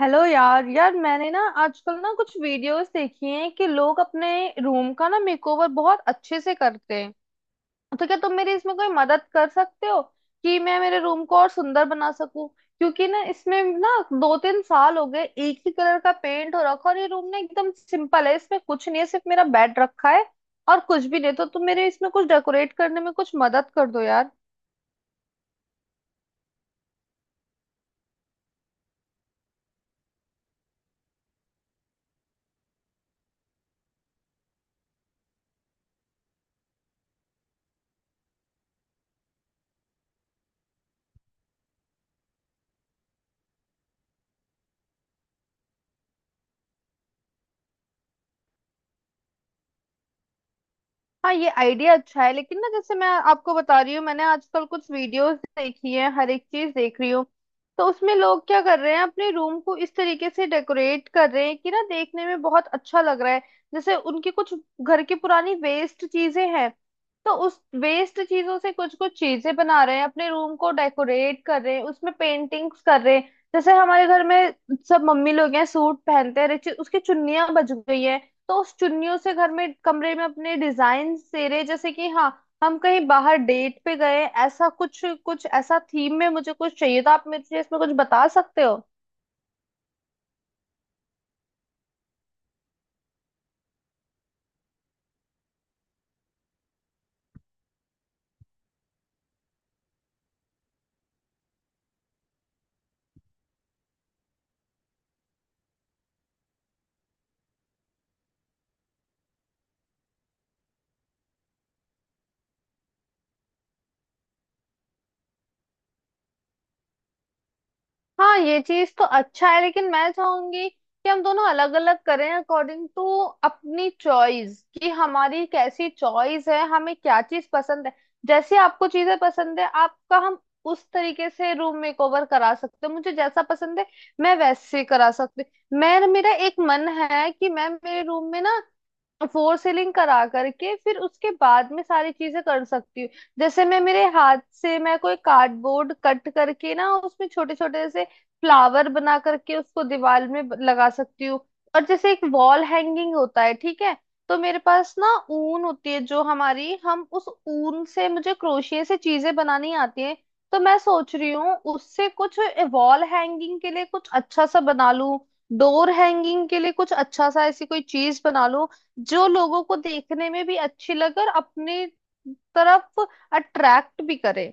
Hello यार यार मैंने ना आजकल ना कुछ वीडियोस देखी हैं कि लोग अपने रूम का ना मेकओवर बहुत अच्छे से करते हैं। तो क्या तुम मेरी इसमें कोई मदद कर सकते हो कि मैं मेरे रूम को और सुंदर बना सकूं? क्योंकि ना इसमें ना दो तीन साल हो गए एक ही कलर का पेंट हो रखा, और ये रूम ना एकदम सिंपल है, इसमें कुछ नहीं है, सिर्फ मेरा बेड रखा है और कुछ भी नहीं। तो तुम मेरे इसमें कुछ डेकोरेट करने में कुछ मदद कर दो यार। हाँ, ये आइडिया अच्छा है, लेकिन ना जैसे मैं आपको बता रही हूँ, मैंने आजकल कुछ वीडियोस देखी है, हर एक चीज देख रही हूँ। तो उसमें लोग क्या कर रहे हैं, अपने रूम को इस तरीके से डेकोरेट कर रहे हैं कि ना देखने में बहुत अच्छा लग रहा है। जैसे उनके कुछ घर की पुरानी वेस्ट चीजें हैं, तो उस वेस्ट चीजों से कुछ कुछ चीजें बना रहे हैं, अपने रूम को डेकोरेट कर रहे हैं, उसमें पेंटिंग्स कर रहे हैं। जैसे हमारे घर में सब मम्मी लोग हैं, सूट पहनते हैं, हर एक चीज उसकी चुन्नियां बच गई है। तो उस चुन्नियों से घर में कमरे में अपने डिजाइन सेरे जैसे कि हाँ, हम कहीं बाहर डेट पे गए, ऐसा कुछ कुछ ऐसा थीम में मुझे कुछ चाहिए था। आप मुझे इसमें कुछ बता सकते हो? हाँ, ये चीज तो अच्छा है, लेकिन मैं चाहूंगी कि हम दोनों अलग अलग करें अकॉर्डिंग टू अपनी चॉइस कि हमारी कैसी चॉइस है, हमें क्या चीज पसंद है। जैसे आपको चीजें पसंद है, आपका हम उस तरीके से रूम मेकओवर करा सकते हैं, मुझे जैसा पसंद है मैं वैसे करा सकती हूँ। मैं मेरा एक मन है कि मैं मेरे रूम में ना फोर सीलिंग करा करके फिर उसके बाद में सारी चीजें कर सकती हूँ। जैसे मैं मेरे हाथ से मैं कोई कार्डबोर्ड कट करके ना उसमें छोटे छोटे से फ्लावर बना करके उसको दीवार में लगा सकती हूँ। और जैसे एक वॉल हैंगिंग होता है ठीक है। तो मेरे पास ना ऊन होती है, जो हमारी हम उस ऊन से मुझे क्रोशिए से चीजें बनानी आती हैं। तो मैं सोच रही हूँ उससे कुछ वॉल हैंगिंग के लिए कुछ अच्छा सा बना लूं, डोर हैंगिंग के लिए कुछ अच्छा सा ऐसी कोई चीज बना लूं जो लोगों को देखने में भी अच्छी लगे और अपनी तरफ अट्रैक्ट भी करे।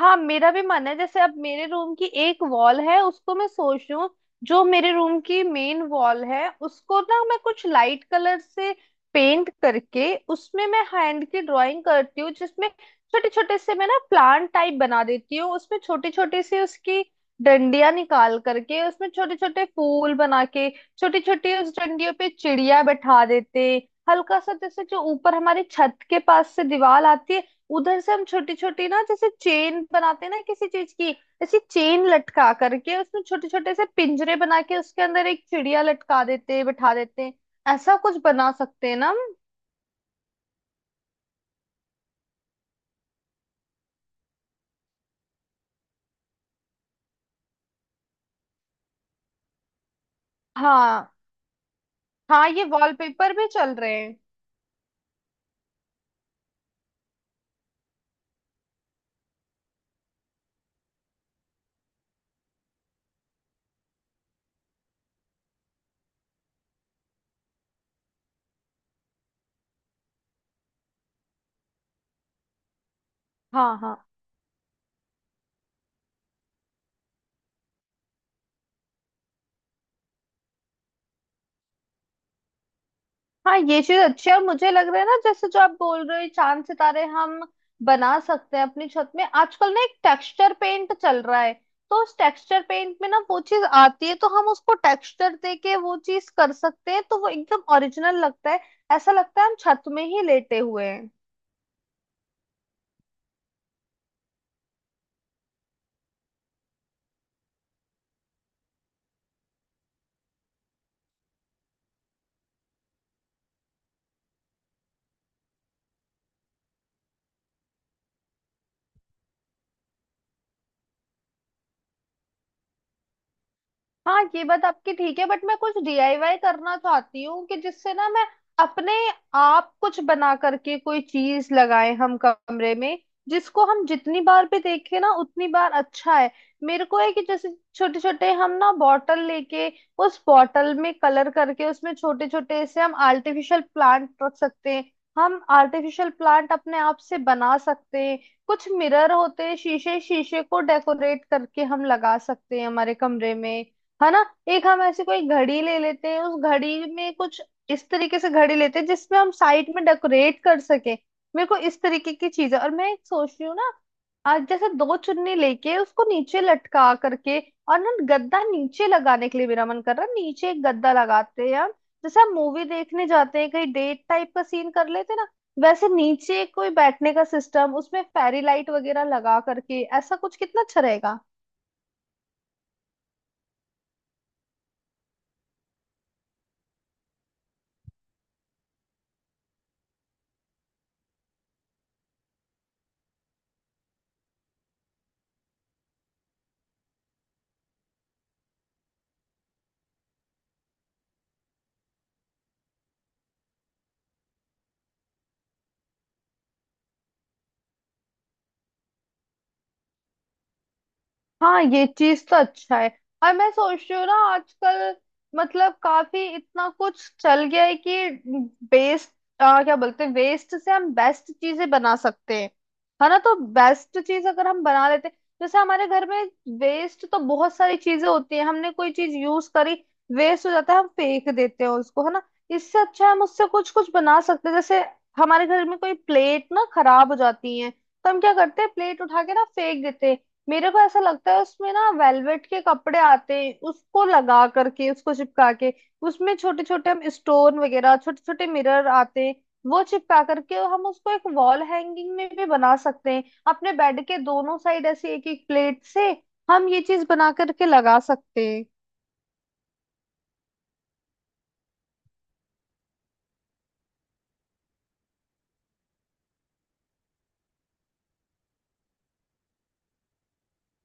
हाँ, मेरा भी मन है। जैसे अब मेरे रूम की एक वॉल है उसको मैं सोच रही हूँ, जो मेरे रूम की मेन वॉल है उसको ना मैं कुछ लाइट कलर से पेंट करके उसमें मैं हैंड की ड्राइंग करती हूँ, जिसमें छोटे छोटे से मैं ना प्लांट टाइप बना देती हूँ, उसमें छोटी छोटी सी उसकी डंडियां निकाल करके उसमें छोटे छोटे फूल बना के छोटी छोटी उस डंडियों पे चिड़िया बैठा देते। हल्का सा जैसे जो ऊपर हमारी छत के पास से दीवार आती है, उधर से हम छोटी छोटी ना जैसे चेन बनाते हैं ना किसी चीज की, ऐसी चेन लटका करके उसमें छोटे छोटे से पिंजरे बना के उसके अंदर एक चिड़िया लटका देते बिठा देते हैं, ऐसा कुछ बना सकते हैं ना हम। हाँ हाँ ये वॉलपेपर भी चल रहे हैं। हाँ हाँ हाँ, ये चीज अच्छी है, और मुझे लग रहा है ना जैसे जो आप बोल रहे हो, ये चांद सितारे हम बना सकते हैं अपनी छत में। आजकल ना एक टेक्सचर पेंट चल रहा है, तो उस टेक्सचर पेंट में ना वो चीज आती है, तो हम उसको टेक्सचर दे के वो चीज कर सकते हैं, तो वो एकदम ओरिजिनल लगता है, ऐसा लगता है हम छत में ही लेटे हुए हैं। हाँ, ये बात आपकी ठीक है, बट मैं कुछ डीआईवाई करना चाहती हूँ कि जिससे ना मैं अपने आप कुछ बना करके कोई चीज लगाए हम कमरे में, जिसको हम जितनी बार भी देखें ना उतनी बार अच्छा है। मेरे को है कि जैसे छोटे छोटे हम ना बॉटल लेके उस बॉटल में कलर करके उसमें छोटे छोटे से हम आर्टिफिशियल प्लांट रख सकते हैं, हम आर्टिफिशियल प्लांट अपने आप से बना सकते हैं। कुछ मिरर होते हैं, शीशे शीशे को डेकोरेट करके हम लगा सकते हैं हमारे कमरे में, है ना। एक हम ऐसी कोई घड़ी ले लेते हैं, उस घड़ी में कुछ इस तरीके से घड़ी लेते हैं जिसमें हम साइड में डेकोरेट कर सके, मेरे को इस तरीके की चीज है। और मैं एक सोच रही हूँ ना आज जैसे दो चुन्नी लेके उसको नीचे लटका करके और ना गद्दा नीचे लगाने के लिए मेरा मन कर रहा है, नीचे एक गद्दा लगाते हैं हम। जैसे हम मूवी देखने जाते हैं कहीं, डेट टाइप का सीन कर लेते हैं ना, वैसे नीचे कोई बैठने का सिस्टम, उसमें फेरी लाइट वगैरह लगा करके ऐसा कुछ कितना अच्छा रहेगा। हाँ, ये चीज तो अच्छा है। और मैं सोच रही हूँ ना आजकल मतलब काफी इतना कुछ चल गया है कि बेस्ट, क्या बोलते हैं, वेस्ट से हम बेस्ट चीजें बना सकते हैं, है ना। तो बेस्ट चीज अगर हम बना लेते हैं। जैसे हमारे घर में वेस्ट तो बहुत सारी चीजें होती है, हमने कोई चीज यूज करी, वेस्ट हो जाता है, हम फेंक देते हैं उसको, है ना। इससे अच्छा है हम उससे कुछ कुछ बना सकते हैं। जैसे हमारे घर में कोई प्लेट ना खराब हो जाती है, तो हम क्या करते हैं, प्लेट उठा के ना फेंक देते हैं। मेरे को ऐसा लगता है उसमें ना वेलवेट के कपड़े आते हैं, उसको लगा करके उसको चिपका के उसमें छोटे छोटे हम स्टोन वगैरह, छोटे छोटे मिरर आते हैं, वो चिपका करके हम उसको एक वॉल हैंगिंग में भी बना सकते हैं, अपने बेड के दोनों साइड ऐसे एक एक प्लेट से हम ये चीज बना करके लगा सकते हैं।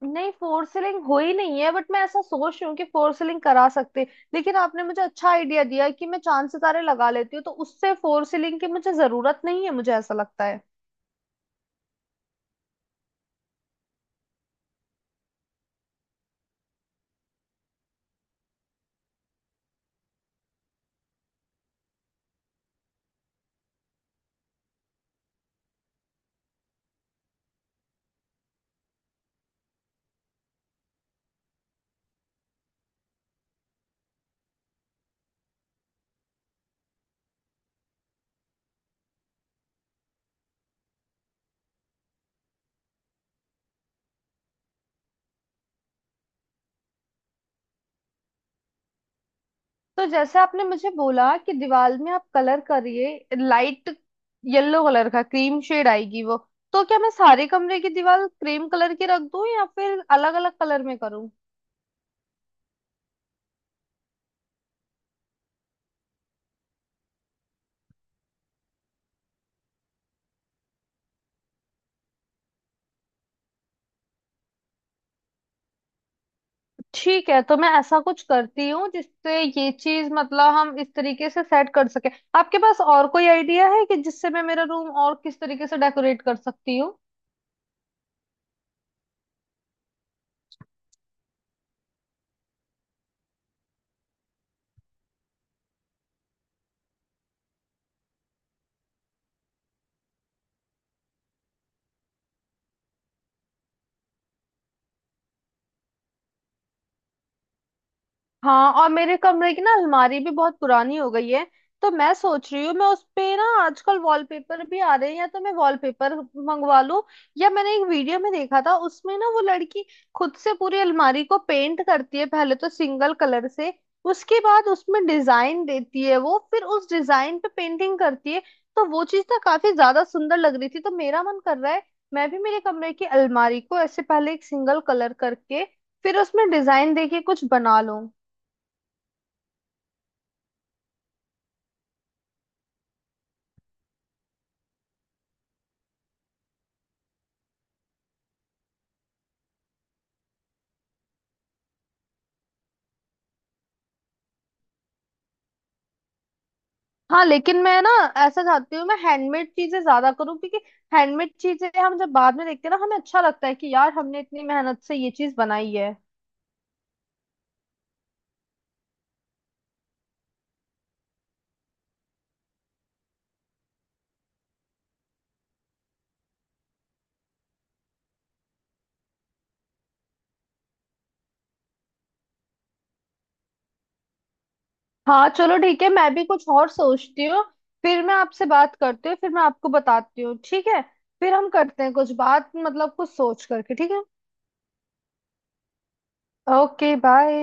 नहीं, फोर सीलिंग हो ही नहीं है, बट मैं ऐसा सोच रही हूँ कि फोर सीलिंग करा सकते हैं। लेकिन आपने मुझे अच्छा आइडिया दिया है कि मैं चांद सितारे लगा लेती हूँ, तो उससे फोर सीलिंग की मुझे जरूरत नहीं है, मुझे ऐसा लगता है। तो जैसे आपने मुझे बोला कि दीवार में आप कलर करिए लाइट येलो कलर का, क्रीम शेड आएगी वो, तो क्या मैं सारे कमरे की दीवार क्रीम कलर की रख दूं या फिर अलग अलग कलर में करूं? ठीक है, तो मैं ऐसा कुछ करती हूँ जिससे ये चीज, मतलब हम इस तरीके से सेट कर सके। आपके पास और कोई आइडिया है कि जिससे मैं मेरा रूम और किस तरीके से डेकोरेट कर सकती हूँ? हाँ, और मेरे कमरे की ना अलमारी भी बहुत पुरानी हो गई है, तो मैं सोच रही हूँ मैं उस पे ना आजकल वॉलपेपर भी आ रहे हैं, या तो मैं वॉलपेपर मंगवा लूँ, या मैंने एक वीडियो में देखा था उसमें ना वो लड़की खुद से पूरी अलमारी को पेंट करती है, पहले तो सिंगल कलर से, उसके बाद उसमें डिजाइन देती है, वो फिर उस डिजाइन पे पेंटिंग करती है, तो वो चीज ना काफी ज्यादा सुंदर लग रही थी, तो मेरा मन कर रहा है मैं भी मेरे कमरे की अलमारी को ऐसे पहले एक सिंगल कलर करके फिर उसमें डिजाइन देके कुछ बना लूं। हाँ, लेकिन मैं ना ऐसा चाहती हूँ मैं हैंडमेड चीजें ज्यादा करूँ, क्योंकि हैंडमेड चीजें हम जब बाद में देखते हैं ना, हमें अच्छा लगता है कि यार हमने इतनी मेहनत से ये चीज बनाई है। हाँ चलो ठीक है, मैं भी कुछ और सोचती हूँ, फिर मैं आपसे बात करती हूँ, फिर मैं आपको बताती हूँ, ठीक है? फिर हम करते हैं कुछ बात, मतलब कुछ सोच करके, ठीक है। Okay, bye.